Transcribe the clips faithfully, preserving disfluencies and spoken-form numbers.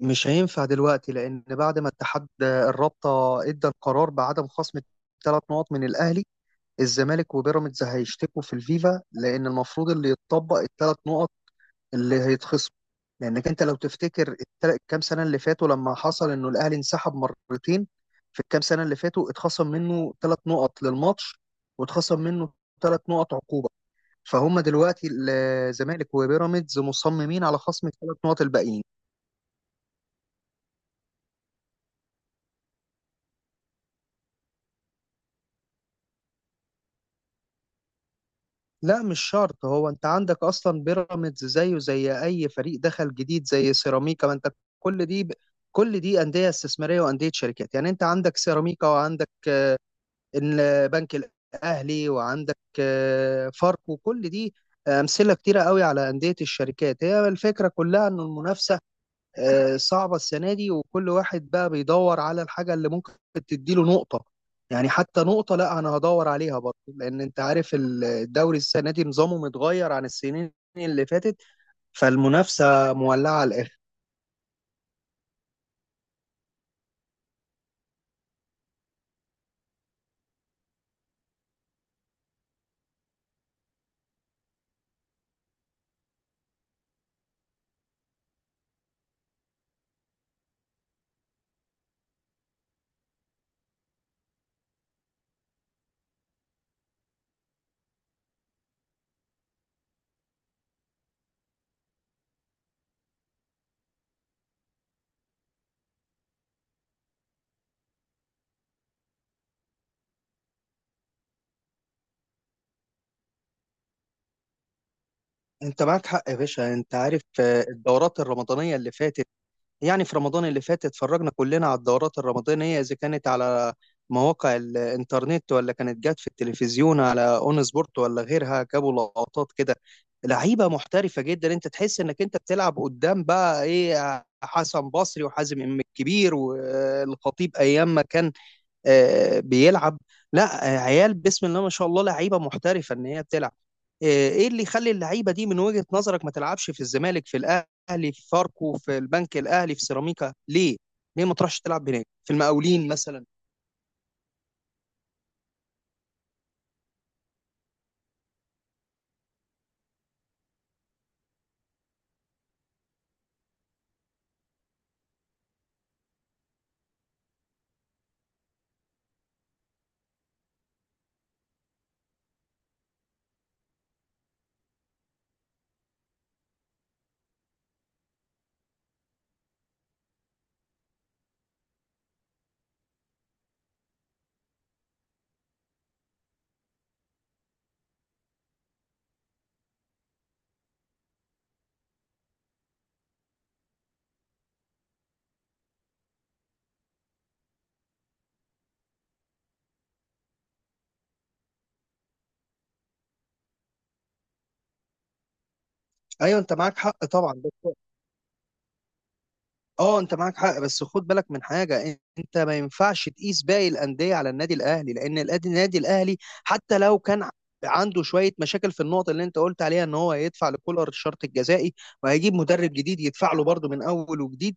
مش هينفع دلوقتي لأن بعد ما اتحاد الرابطة ادى القرار بعدم خصم ثلاث نقط من الأهلي، الزمالك وبيراميدز هيشتكوا في الفيفا لأن المفروض اللي يتطبق الثلاث نقط اللي هيتخصم. لأنك أنت لو تفتكر التل- الكام سنة اللي فاتوا لما حصل إنه الأهلي انسحب مرتين. في الكام سنة اللي فاتوا اتخصم منه ثلاث نقط للماتش واتخصم منه ثلاث نقط عقوبة. فهم دلوقتي الزمالك وبيراميدز مصممين على خصم الثلاث نقط الباقيين. لا، مش شرط. هو انت عندك اصلا بيراميدز زيه زي اي فريق دخل جديد زي سيراميكا. ما انت كل دي كل دي انديه استثماريه وانديه شركات، يعني انت عندك سيراميكا وعندك آه، البنك الاهلي وعندك آه، فاركو، وكل دي امثله كتيره قوي على انديه الشركات. هي الفكره كلها ان المنافسه آه، صعبة السنة دي، وكل واحد بقى بيدور على الحاجة اللي ممكن تديله نقطة. يعني حتى نقطة لا أنا هدور عليها برضه، لأن أنت عارف ال- الدوري السنة دي نظامه متغير عن السنين اللي فاتت، فالمنافسة مولعة على الآخر. أنت معاك حق يا باشا. أنت عارف آه، الدورات الرمضانية اللي فاتت، يعني في رمضان اللي فات اتفرجنا كلنا على الدورات الرمضانية، إذا كانت على مواقع الإنترنت ولا كانت جت في التلفزيون على أون سبورت ولا غيرها، جابوا لقطات كده لعيبة محترفة جدا. أنت تحس إنك أنت بتلعب قدام بقى إيه، حسن بصري وحازم إمام الكبير والخطيب أيام ما كان آه، بيلعب. لا، آه، عيال بسم الله ما شاء الله لعيبه محترفه ان هي بتلعب. آه، ايه اللي يخلي اللعيبه دي من وجهه نظرك ما تلعبش في الزمالك، في الاهلي، في فاركو، في البنك الاهلي، في سيراميكا؟ ليه ليه ما تروحش تلعب هناك في المقاولين مثلا؟ ايوه انت معاك حق طبعا. اه انت معاك حق، بس خد بالك من حاجه، انت ما ينفعش تقيس باقي الانديه على النادي الاهلي، لان الأد- النادي الاهلي حتى لو كان عنده شويه مشاكل في النقطه اللي انت قلت عليها ان هو هيدفع لكولر الشرط الجزائي وهيجيب مدرب جديد يدفع له برضه من اول وجديد،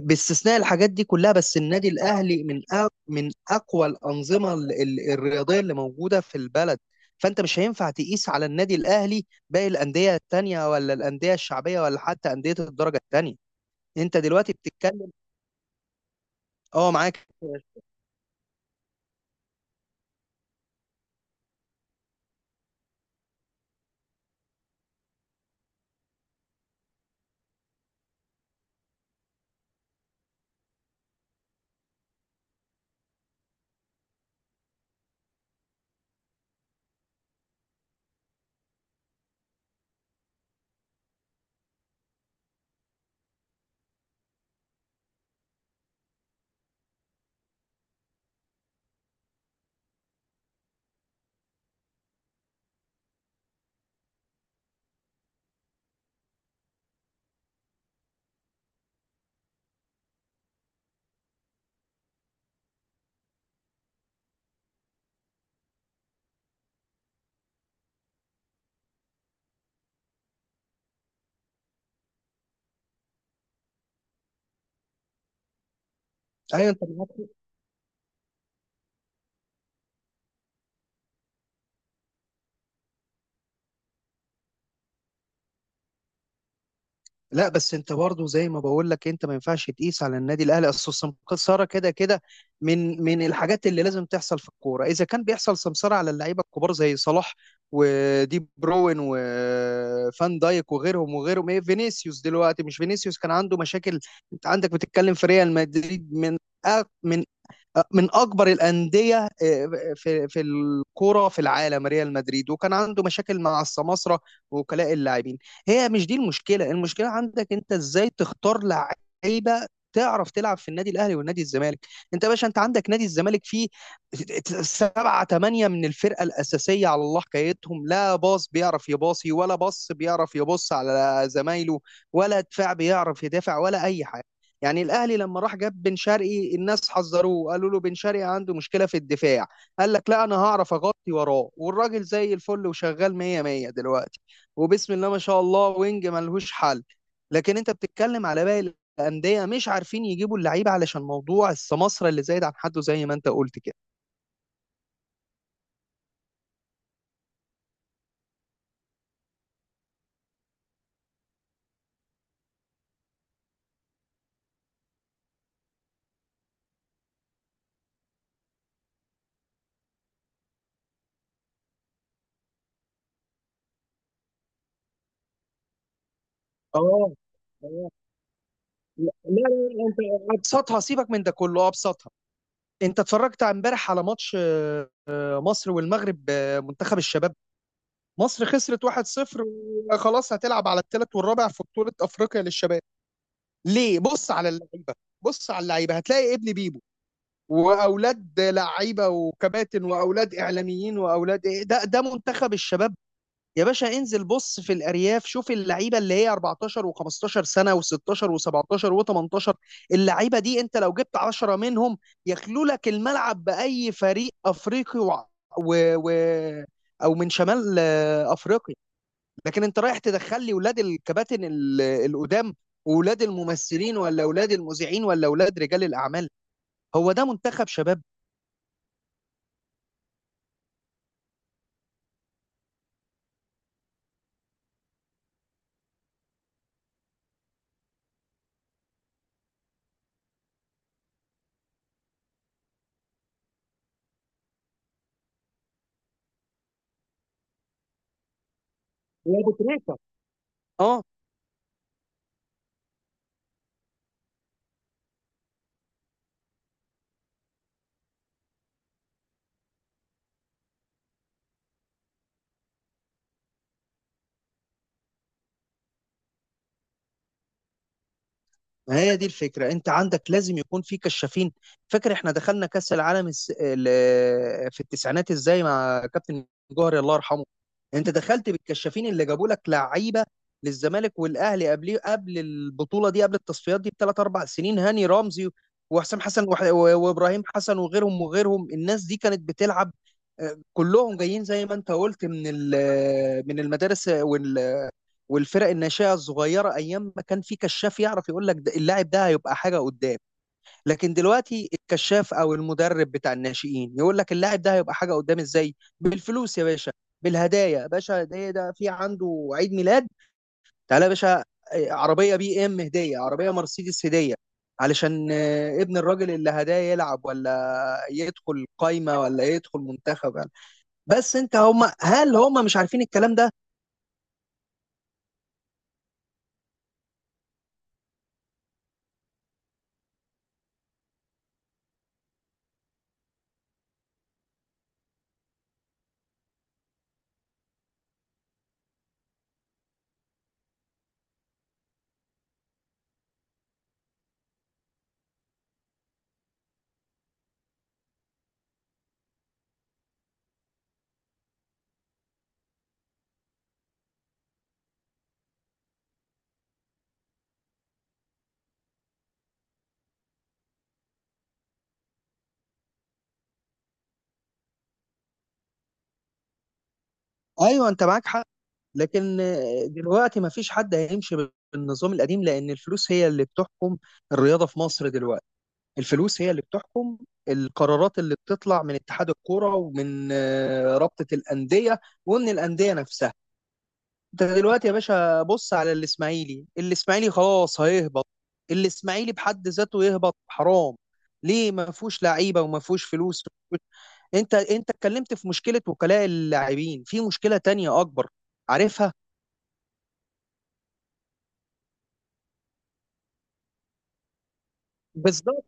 باستثناء الحاجات دي كلها بس النادي الاهلي من أق- من اقوى الانظمه ال- ال- الرياضيه اللي موجوده في البلد. فانت مش هينفع تقيس على النادي الاهلي باقي الانديه التانيه، ولا الانديه الشعبيه، ولا حتى انديه الدرجه التانيه. انت دلوقتي بتتكلم. اه، معاك. ايوه انت معاك. لا، بس انت برضه زي ما بقول لك انت ما ينفعش تقيس على النادي الاهلي. اصل السمسره كده كده من من الحاجات اللي لازم تحصل في الكوره، اذا كان بيحصل سمسره على اللعيبه الكبار زي صلاح ودي بروين وفان دايك وغيرهم وغيرهم. ايه فينيسيوس دلوقتي؟ مش فينيسيوس كان عنده مشاكل؟ انت عندك بتتكلم في ريال مدريد من أق- من من اكبر الانديه آه، في في الكوره في العالم. ريال مدريد وكان عنده مشاكل مع السماسره ووكلاء اللاعبين. هي مش دي المشكله؟ المشكله عندك انت ازاي تختار لعيبه تعرف تلعب في النادي الاهلي والنادي الزمالك. انت يا باشا، انت عندك نادي الزمالك فيه سبعة تمانية من الفرقه الاساسيه على الله حكايتهم، لا باص بيعرف يباصي، ولا بص بيعرف يبص على زمايله، ولا دفاع بيعرف يدافع، ولا اي حاجه. يعني الاهلي لما راح جاب بن شرقي الناس حذروه قالوا له بن شرقي عنده مشكله في الدفاع، قال لك لا انا هعرف اغطي وراه، والراجل زي الفل وشغال مية مية دلوقتي وبسم الله ما شاء الله، وينج ملهوش حل. لكن انت بتتكلم على باقي الانديه مش عارفين يجيبوا اللعيبه علشان موضوع السماسره اللي زايد عن حده زي ما انت قلت كده. اه. آه. لا لا لا، انت ابسطها، سيبك من ده كله. ابسطها، انت اتفرجت امبارح على ماتش آه، مصر والمغرب، آه، منتخب الشباب. مصر خسرت واحد صفر وخلاص هتلعب على الثالث والرابع في بطولة أفريقيا للشباب. ليه؟ بص على اللعيبة. بص على اللعيبة هتلاقي ابن بيبو، وأولاد لعيبة وكباتن، وأولاد إعلاميين، وأولاد إيه. ده ده منتخب الشباب يا باشا؟ انزل بص في الأرياف، شوف اللعيبة اللي هي اربعتاشر و15 سنة و16 و17 و18. اللعيبة دي أنت لو جبت عشرة منهم يخلو لك الملعب بأي فريق أفريقي، و... و... و... أو من شمال آه، أفريقيا. لكن انت رايح تدخل لي ولاد الكباتن ال- القدام، واولاد الممثلين، ولا اولاد المذيعين، ولا اولاد رجال الاعمال. هو ده منتخب شباب؟ يا ابو تريكه. اه. ما هي دي الفكرة، انت عندك لازم يكون في كشافين. فاكر احنا دخلنا كأس العالم الس... ال- في التسعينات ازاي، مع كابتن جوهري الله يرحمه؟ انت دخلت بالكشافين اللي جابوا لك لعيبة للزمالك والاهلي قبل قبل البطولة دي، قبل التصفيات دي بثلاث اربع سنين. هاني رمزي وحسام حسن وح... و- وابراهيم حسن وغيرهم وغيرهم. الناس دي كانت بتلعب آه، كلهم جايين زي ما انت قلت من ال- من المدارس والفرق الناشئه الصغيره، ايام ما كان في كشاف يعرف يقول لك ده- اللاعب ده هيبقى حاجه قدام. لكن دلوقتي الكشاف او المدرب بتاع الناشئين يقول لك اللاعب ده هيبقى حاجه قدام ازاي؟ بالفلوس يا باشا، بالهدايا يا باشا. هديه، ده في عنده عيد ميلاد، تعالى يا باشا. آه، عربيه بي ام هديه، عربيه مرسيدس هديه، علشان آه، ابن الراجل اللي هداه يلعب، ولا يدخل قايمه، ولا يدخل منتخب. بس انت هم، هل هم مش عارفين الكلام ده؟ ايوه انت معاك حق، لكن دلوقتي ما فيش حد هيمشي بالنظام القديم، لأن الفلوس هي اللي بتحكم الرياضة في مصر دلوقتي. الفلوس هي اللي بتحكم القرارات اللي بتطلع من اتحاد الكرة، ومن آه، رابطة الأندية، ومن الأندية نفسها. انت دلوقتي يا باشا بص على الإسماعيلي. الإسماعيلي خلاص هيهبط. الإسماعيلي بحد ذاته يهبط حرام. ليه؟ ما فيهوش لعيبة وما فيهوش فلوس. انت انت اتكلمت في مشكلة وكلاء اللاعبين، في مشكلة تانية أكبر، عارفها؟ بالظبط،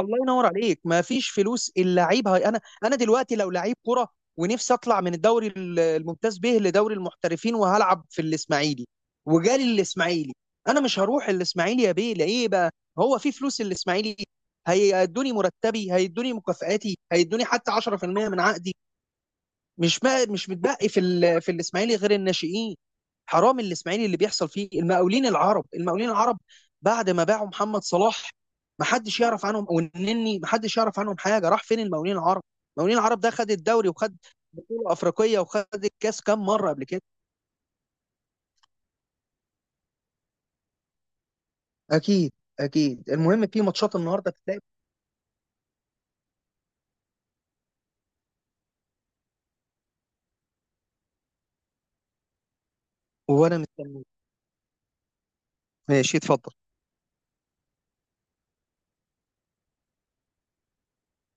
الله ينور عليك، ما فيش فلوس. اللعيب هي انا انا دلوقتي لو لعيب كرة ونفسي اطلع من الدوري ال- الممتاز به لدوري المحترفين وهلعب في الاسماعيلي، وجالي الاسماعيلي، انا مش هروح الاسماعيلي يا بيه. ليه بقى؟ هو في فلوس الاسماعيلي؟ هيدوني مرتبي، هيدوني مكافآتي، هيدوني حتى عشرة في المية من عقدي؟ مش ما مش متبقي في ال... في الاسماعيلي غير الناشئين. حرام الاسماعيلي اللي بيحصل فيه. المقاولين العرب، المقاولين العرب بعد ما باعوا محمد صلاح ما حدش يعرف عنهم، والنني ما حدش يعرف عنهم حاجه. راح فين المقاولين العرب؟ المقاولين العرب ده خد الدوري، وخد بطوله افريقيه، وخد الكاس كام مره قبل كده. اكيد. اكيد. المهم في ماتشات النهارده بتتلعب. وانا مستني. ماشي اتفضل.